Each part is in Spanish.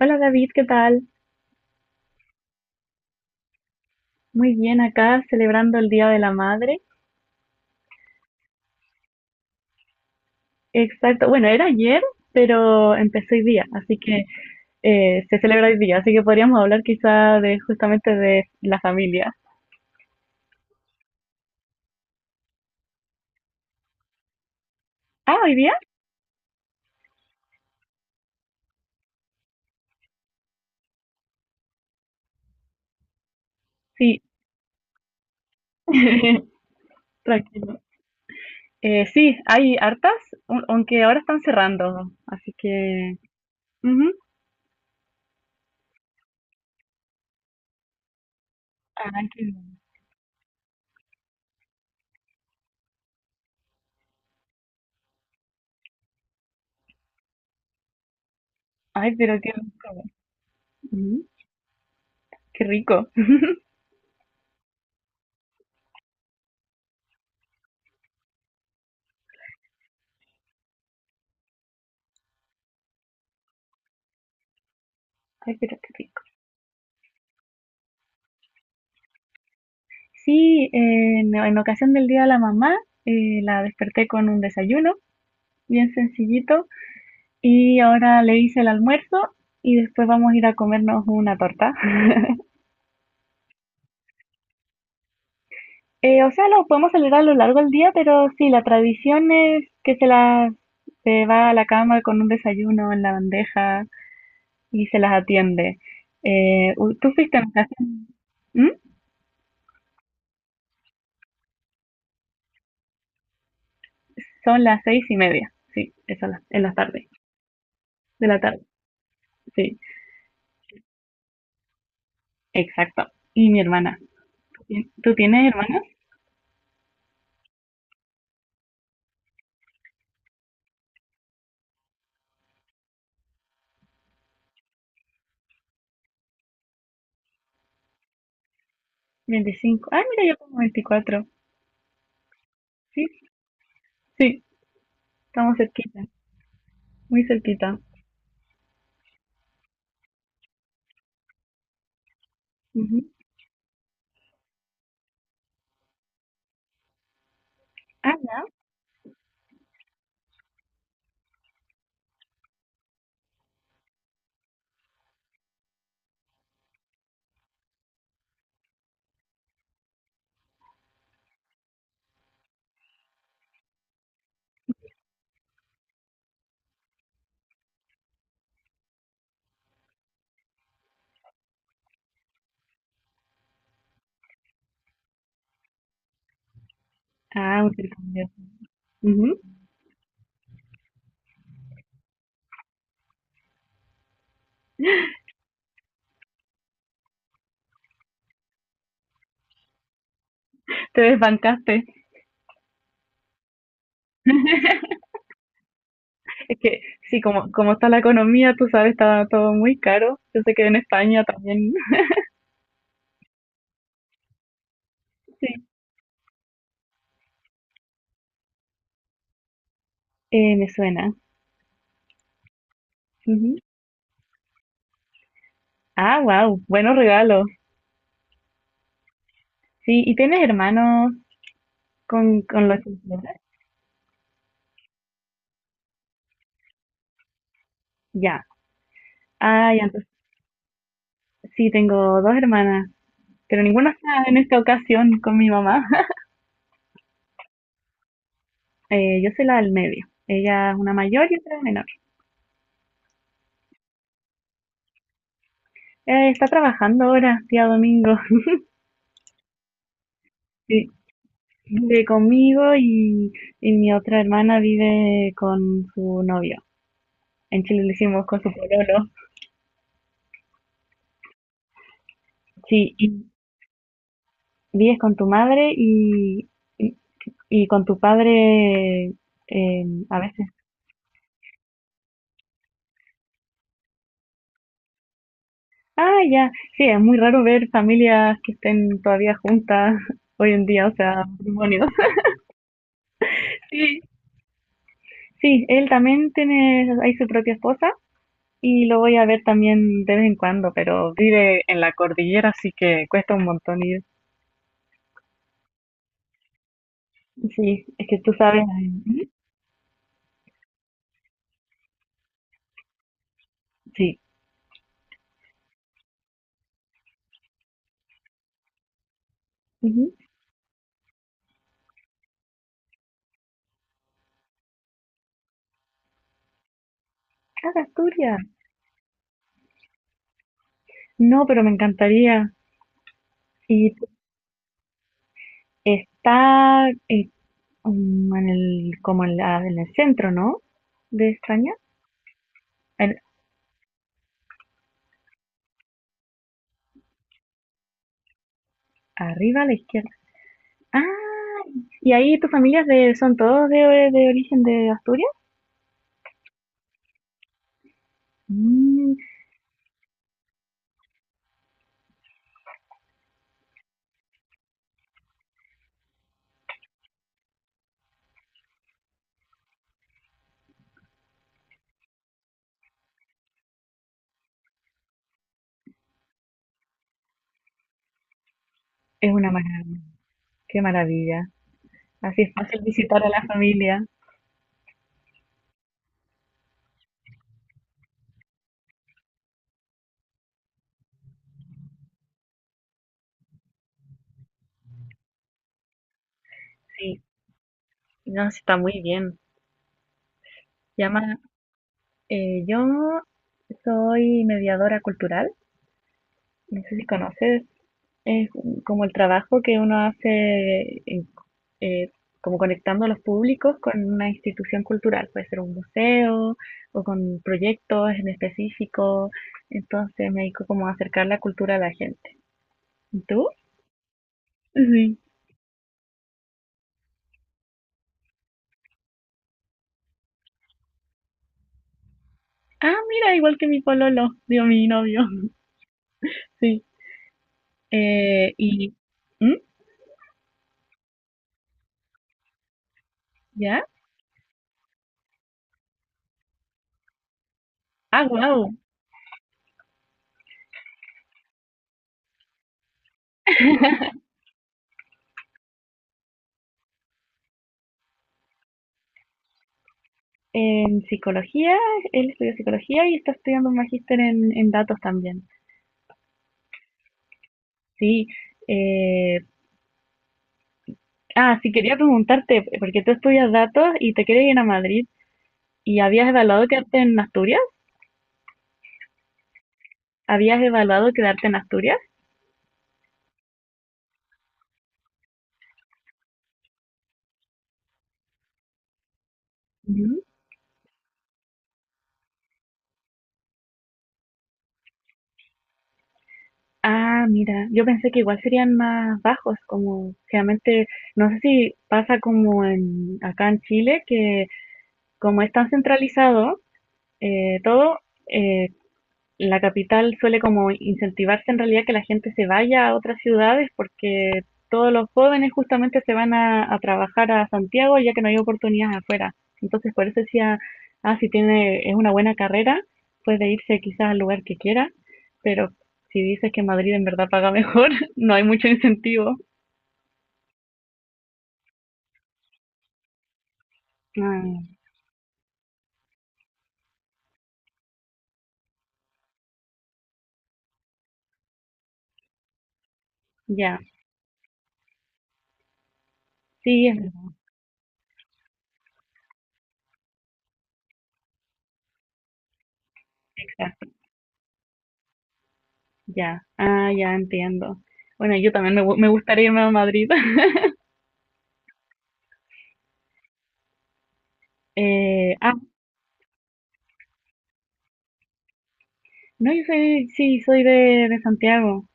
Hola David, ¿qué tal? Muy bien, acá celebrando el Día de la Madre. Exacto, bueno, era ayer, pero empezó hoy día, así que se celebra hoy día, así que podríamos hablar quizá de justamente de la familia. Ah, hoy día, sí, tranquilo. Sí, hay hartas, aunque ahora están cerrando, así que... Ujú. Ay, ay, pero qué rico. Ujú. Qué rico. Ay, pero qué rico. Sí, en ocasión del Día de la Mamá, la desperté con un desayuno bien sencillito y ahora le hice el almuerzo y después vamos a ir a comernos una torta. O sea, lo podemos celebrar a lo largo del día, pero sí, la tradición es que se va a la cama con un desayuno en la bandeja y se las atiende. ¿Tú fuiste en ocasión? ¿Mm? Son las 6:30, sí, eso en la tarde, de la tarde, sí, exacto. Y mi hermana. Bien. ¿Tú tienes hermanos? 25. Ah, mira, yo como 24. Sí, sí, estamos cerquita, muy cerquita. Ujú. Ah, ya. Ah, un intercambio. Ujú. Te desbancaste. Es que, sí, como está la economía, tú sabes, está todo muy caro. Yo sé que en España también. Sí, me suena. Ujú. Ah, wow, buenos regalos. Sí, ¿y tienes hermanos con los que celebras? Ya. Ah, ya, entonces sí, tengo dos hermanas, pero ninguna está en esta ocasión con mi mamá. Yo soy la del medio. Ella es una mayor y otra es menor. Está trabajando ahora, día domingo. Sí, vive conmigo y mi otra hermana vive con su novio. En Chile le decimos con su pololo. Sí, y vives con tu madre y, y con tu padre eh, a veces. Ah, ya. Sí, es muy raro ver familias que estén todavía juntas hoy en día, o sea, matrimonios. Sí, sí, él también tiene, hay su propia esposa. Y lo voy a ver también de vez en cuando, pero vive en la cordillera, así que cuesta un montón ir. Sí, es que tú sabes. Ay, sí. Ujú. Ah, de Asturias. No, pero me encantaría. Y está en el centro, ¿no? De España. En- Arriba a la izquierda. Ah, y ahí tu familia son todos de origen de Asturias. Mm, es una maravilla. Qué maravilla. Así es fácil visitar a la familia. Sí. No, sí, está muy bien. Llama, yo soy mediadora cultural, no sé si conoces, es como el trabajo que uno hace eh, como conectando a los públicos con una institución cultural, puede ser un museo o con proyectos en específico, entonces me dedico como a acercar la cultura a la gente. ¿Y tú? Sí. Ah, mira, igual que mi pololo, digo, mi novio. Sí. Eh, y... ¿Mm? ¿Ya? Ah, wow. En psicología, él estudió psicología y está estudiando un magíster en datos también. Sí. Eh, sí, quería preguntarte, porque tú estudias datos y te quieres ir a Madrid y habías evaluado quedarte en Asturias. ¿Habías evaluado quedarte en Asturias? Ujú. Ah, mira, yo pensé que igual serían más bajos, como generalmente, no sé si pasa como en acá en Chile, que como es tan centralizado todo, eh, la capital suele como incentivarse en realidad que la gente se vaya a otras ciudades porque todos los jóvenes justamente se van a trabajar a Santiago ya que no hay oportunidades afuera. Entonces por eso decía, si tiene, es una buena carrera, puede irse quizás al lugar que quiera, pero si dices que Madrid en verdad paga mejor, no hay mucho incentivo. Ah, ya, sí, es exacto, ya, ya entiendo. Bueno, yo también me gustaría irme a Madrid. Eh, ah, No, yo soy, sí, soy de Santiago,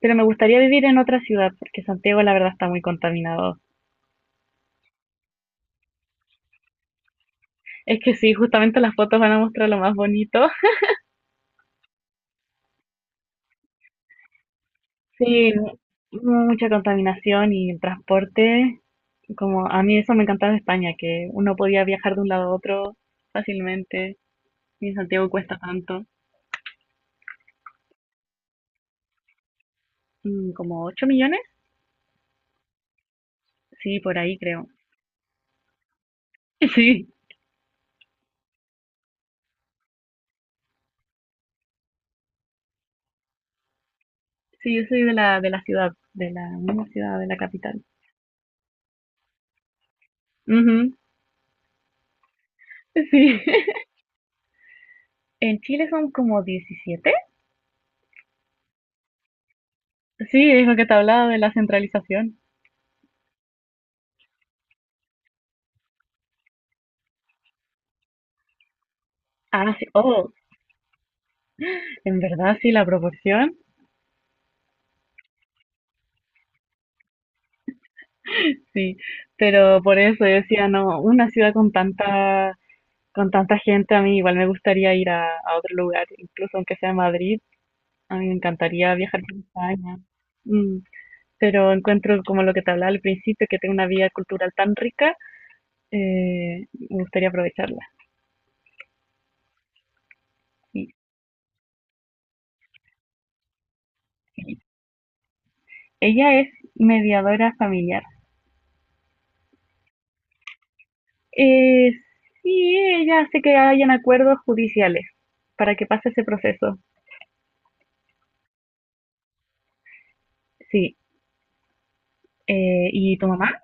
pero me gustaría vivir en otra ciudad porque Santiago la verdad está muy contaminado. Es que sí, justamente las fotos van a mostrar lo más bonito. Sí, mu- mucha contaminación y el transporte. Como a mí eso me encantaba de España, que uno podía viajar de un lado a otro fácilmente. Y en Santiago cuesta tanto. Mm, como 8 millones, sí, por ahí creo. Sí, sí, yo soy de la ciudad, de la misma ciudad, de la capital. Ujú. Sí. En Chile son como 17. Sí, es lo que te hablaba de la centralización. Ah, sí, oh, en verdad sí, la proporción, sí, pero por eso yo decía, no, una ciudad con tanta, gente, a mí igual me gustaría ir a otro lugar, incluso aunque sea Madrid, a mí me encantaría viajar por España. Mm, pero encuentro como lo que te hablaba al principio, que tengo una vida cultural tan rica, me gustaría aprovecharla. Sí. Sí. Ella es mediadora familiar. Eh, sí, ella hace que hayan acuerdos judiciales para que pase ese proceso. Sí. ¿Y tu mamá?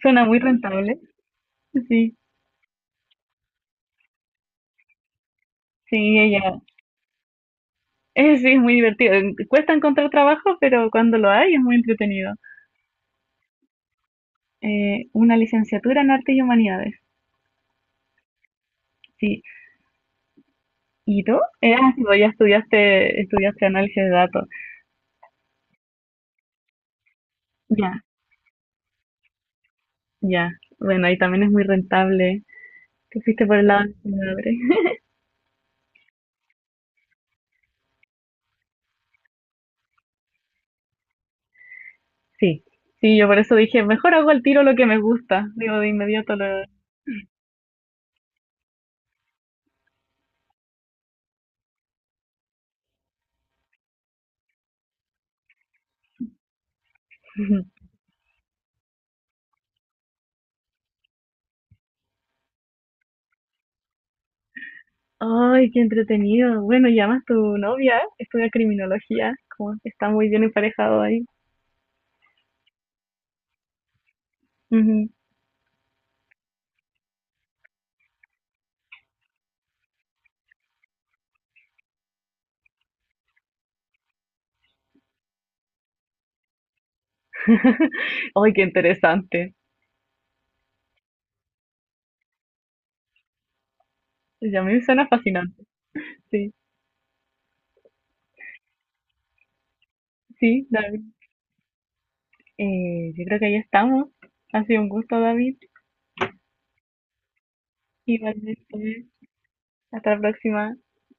Suena muy rentable. Sí, sí, ella. Sí, es muy divertido. Cuesta encontrar trabajo, pero cuando lo hay es muy entretenido. Una licenciatura en Artes y Humanidades. Sí. ¿Y tú? Sí, pues ya estudiaste análisis de datos. Ya, ya. Bueno, ahí también es muy rentable. Te fuiste por el lado de. Sí, sí, yo por eso dije, mejor hago al tiro lo que me gusta. Digo, de inmediato lo... Ay, qué entretenido. Bueno, llamas tu novia, estudia criminología, como que está muy bien emparejado ahí. Ujú. Ay, qué interesante. Ya me suena fascinante. Sí, sí, David. Yo creo que ahí estamos. Ha sido un gusto, David. Igualmente. Hasta la próxima.